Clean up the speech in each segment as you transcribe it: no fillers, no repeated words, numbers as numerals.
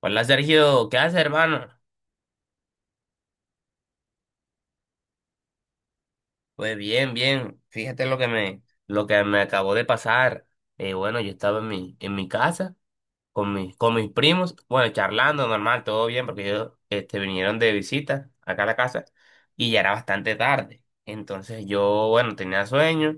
Hola Sergio, ¿qué haces, hermano? Pues bien, bien. Fíjate lo que me acabó de pasar. Bueno, yo estaba en en mi casa con con mis primos, bueno, charlando normal, todo bien, porque ellos vinieron de visita acá a la casa y ya era bastante tarde. Entonces yo, bueno, tenía sueño,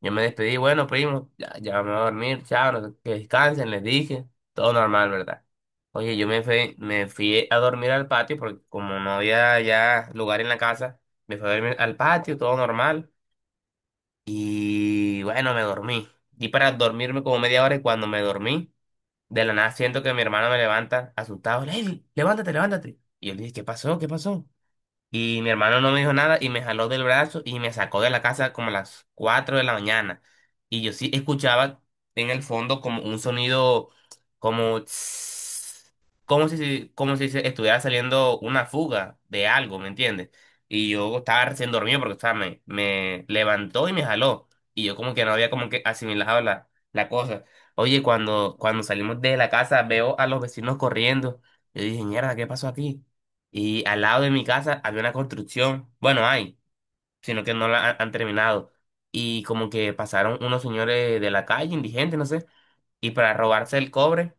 yo me despedí, bueno, primo, ya me voy a dormir, chao, no sé- que descansen, les dije, todo normal, ¿verdad? Oye, yo me fui a dormir al patio porque como no había ya lugar en la casa, me fui a dormir al patio, todo normal. Y bueno, me dormí. Y para dormirme como media hora y cuando me dormí. De la nada siento que mi hermano me levanta, asustado. Lely, levántate, levántate. Y él dice, ¿qué pasó? ¿Qué pasó? Y mi hermano no me dijo nada y me jaló del brazo y me sacó de la casa como a las 4 de la mañana. Y yo sí escuchaba en el fondo como un sonido como tss, como si se estuviera saliendo una fuga de algo, ¿me entiendes? Y yo estaba recién dormido porque o sea, me levantó y me jaló. Y yo como que no había como que asimilado la cosa. Oye, cuando salimos de la casa veo a los vecinos corriendo. Yo dije, mierda, ¿qué pasó aquí? Y al lado de mi casa había una construcción, bueno, hay, sino que no la han terminado. Y como que pasaron unos señores de la calle, indigentes, no sé, y para robarse el cobre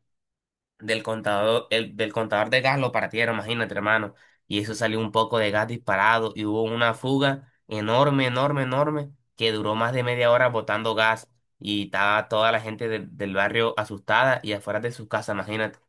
del contador, del contador de gas lo partieron, imagínate, hermano. Y eso salió un poco de gas disparado y hubo una fuga enorme, enorme, enorme, que duró más de media hora botando gas. Y estaba toda la gente del barrio asustada y afuera de sus casas, imagínate.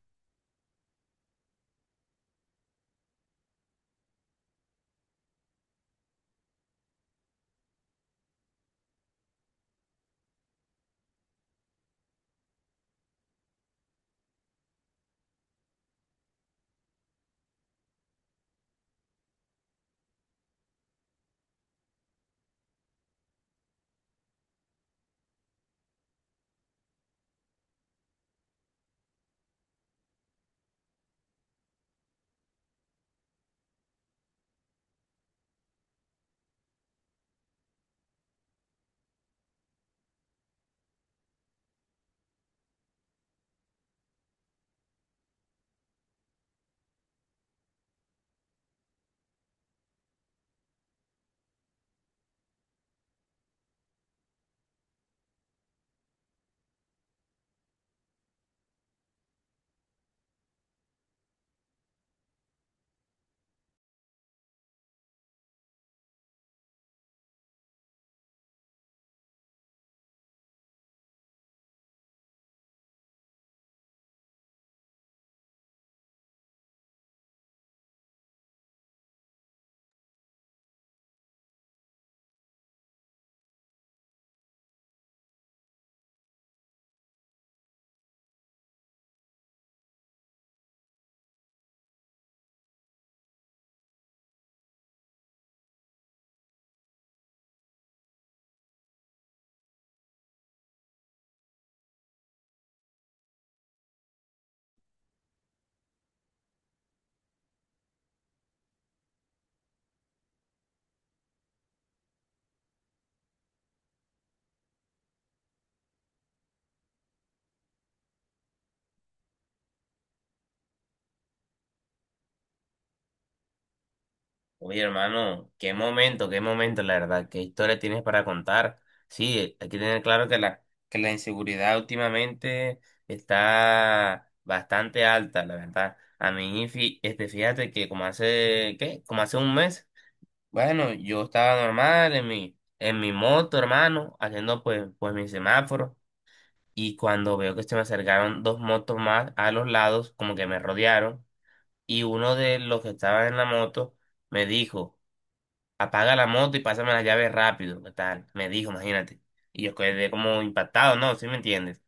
Oye, hermano, qué momento, la verdad, qué historia tienes para contar. Sí, hay que tener claro que que la inseguridad últimamente está bastante alta, la verdad. A mí, fíjate que como hace, ¿qué? Como hace un mes, bueno, yo estaba normal en en mi moto, hermano, haciendo pues mi semáforo. Y cuando veo que se me acercaron dos motos más a los lados, como que me rodearon, y uno de los que estaban en la moto me dijo, apaga la moto y pásame las llaves rápido, ¿qué tal? Me dijo, imagínate. Y yo quedé como impactado, ¿no? ¿Sí me entiendes?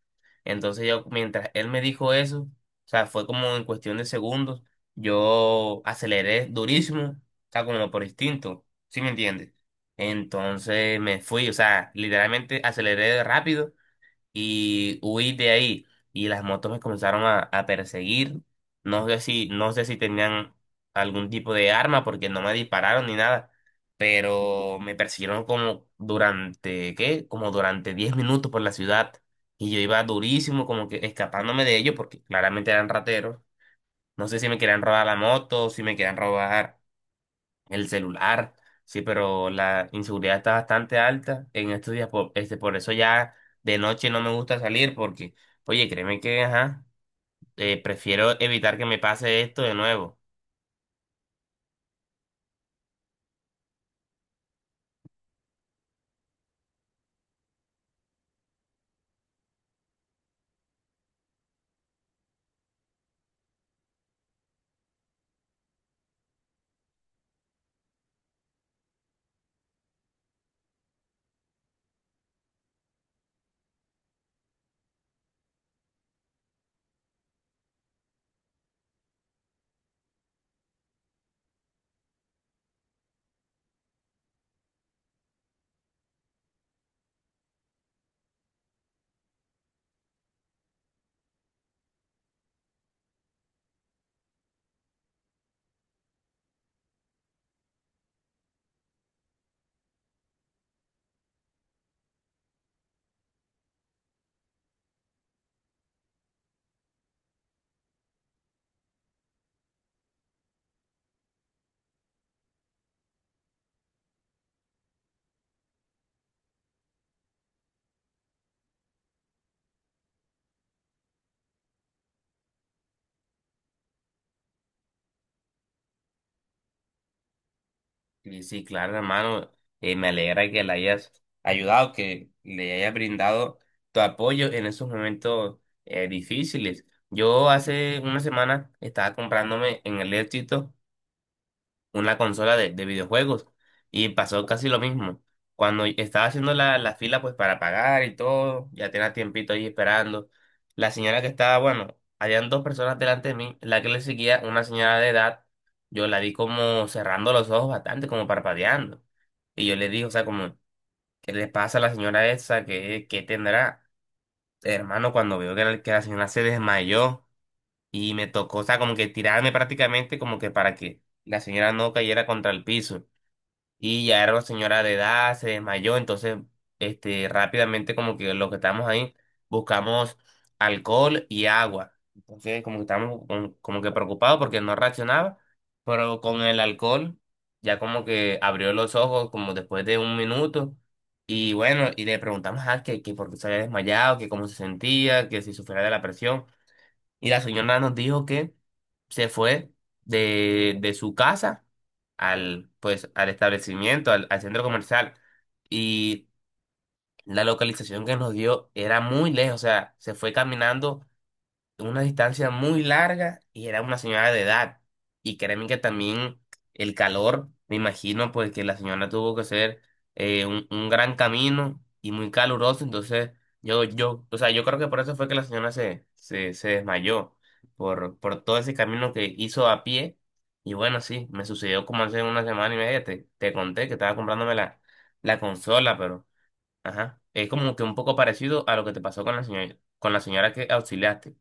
Entonces yo, mientras él me dijo eso, o sea, fue como en cuestión de segundos, yo aceleré durísimo, o sea, como por instinto, ¿sí me entiendes? Entonces me fui, o sea, literalmente aceleré rápido y huí de ahí. Y las motos me comenzaron a perseguir. No sé si tenían algún tipo de arma porque no me dispararon ni nada. Pero me persiguieron como durante, ¿qué? Como durante 10 minutos por la ciudad. Y yo iba durísimo, como que escapándome de ellos porque claramente eran rateros. No sé si me querían robar la moto, si me querían robar el celular, sí, pero la inseguridad está bastante alta en estos días, por, este, por eso ya de noche no me gusta salir porque, oye, créeme que, ajá, prefiero evitar que me pase esto de nuevo. Y sí, claro, hermano, me alegra que le hayas ayudado, que le hayas brindado tu apoyo en esos momentos difíciles. Yo hace una semana estaba comprándome en el Éxito una consola de videojuegos. Y pasó casi lo mismo. Cuando estaba haciendo la fila pues para pagar y todo, ya tenía tiempito ahí esperando. La señora que estaba, bueno, habían dos personas delante de mí, la que le seguía, una señora de edad, yo la vi como cerrando los ojos bastante, como parpadeando. Y yo le dije, o sea, como, ¿qué le pasa a la señora esa? ¿Qué, qué tendrá? Hermano, cuando veo que la señora se desmayó y me tocó, o sea, como que tirarme prácticamente como que para que la señora no cayera contra el piso. Y ya era una señora de edad, se desmayó, entonces este, rápidamente como que los que estamos ahí buscamos alcohol y agua. Entonces como que estábamos como que preocupados porque no reaccionaba, pero con el alcohol ya como que abrió los ojos como después de un minuto y bueno, y le preguntamos a que por qué se había desmayado, que cómo se sentía, que si sufría de la presión. Y la señora nos dijo que se fue de su casa al, pues, al establecimiento, al, al centro comercial. Y la localización que nos dio era muy lejos, o sea, se fue caminando una distancia muy larga y era una señora de edad. Y créeme que también el calor, me imagino, pues que la señora tuvo que hacer un gran camino y muy caluroso. Entonces, yo, o sea, yo creo que por eso fue que la señora se desmayó, por todo ese camino que hizo a pie. Y bueno, sí, me sucedió como hace una semana y media, te conté que estaba comprándome la consola, pero, ajá, es como que un poco parecido a lo que te pasó con la señora que auxiliaste.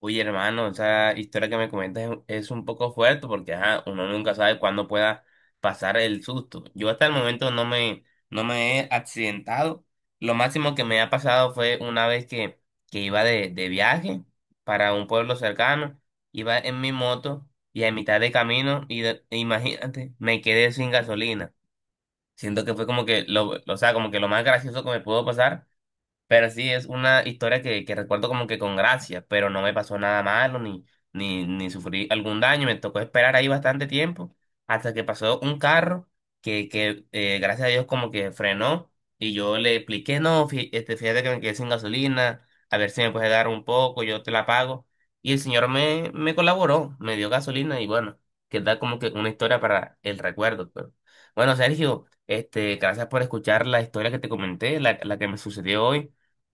Uy, hermano, esa historia que me comentas es un poco fuerte porque ajá, uno nunca sabe cuándo pueda pasar el susto. Yo hasta el momento no me he accidentado. Lo máximo que me ha pasado fue una vez que iba de viaje para un pueblo cercano, iba en mi moto y a mitad de camino, e imagínate, me quedé sin gasolina. Siento que fue como que lo, o sea, como que lo más gracioso que me pudo pasar pero sí, es una historia que recuerdo como que con gracia, pero no me pasó nada malo ni sufrí algún daño. Me tocó esperar ahí bastante tiempo hasta que pasó un carro que gracias a Dios como que frenó y yo le expliqué, no, fíjate que me quedé sin gasolina, a ver si me puedes dar un poco, yo te la pago. Y el señor me colaboró, me dio gasolina y bueno, queda como que una historia para el recuerdo. Pero. Bueno, Sergio, gracias por escuchar la historia que te comenté, la que me sucedió hoy.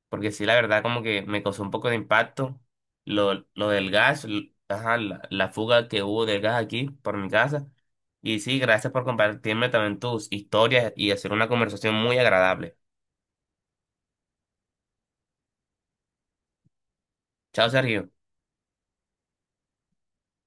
Porque sí, la verdad, como que me causó un poco de impacto lo del gas, ajá, la fuga que hubo del gas aquí por mi casa. Y sí, gracias por compartirme también tus historias y hacer una conversación muy agradable. Chao, Sergio.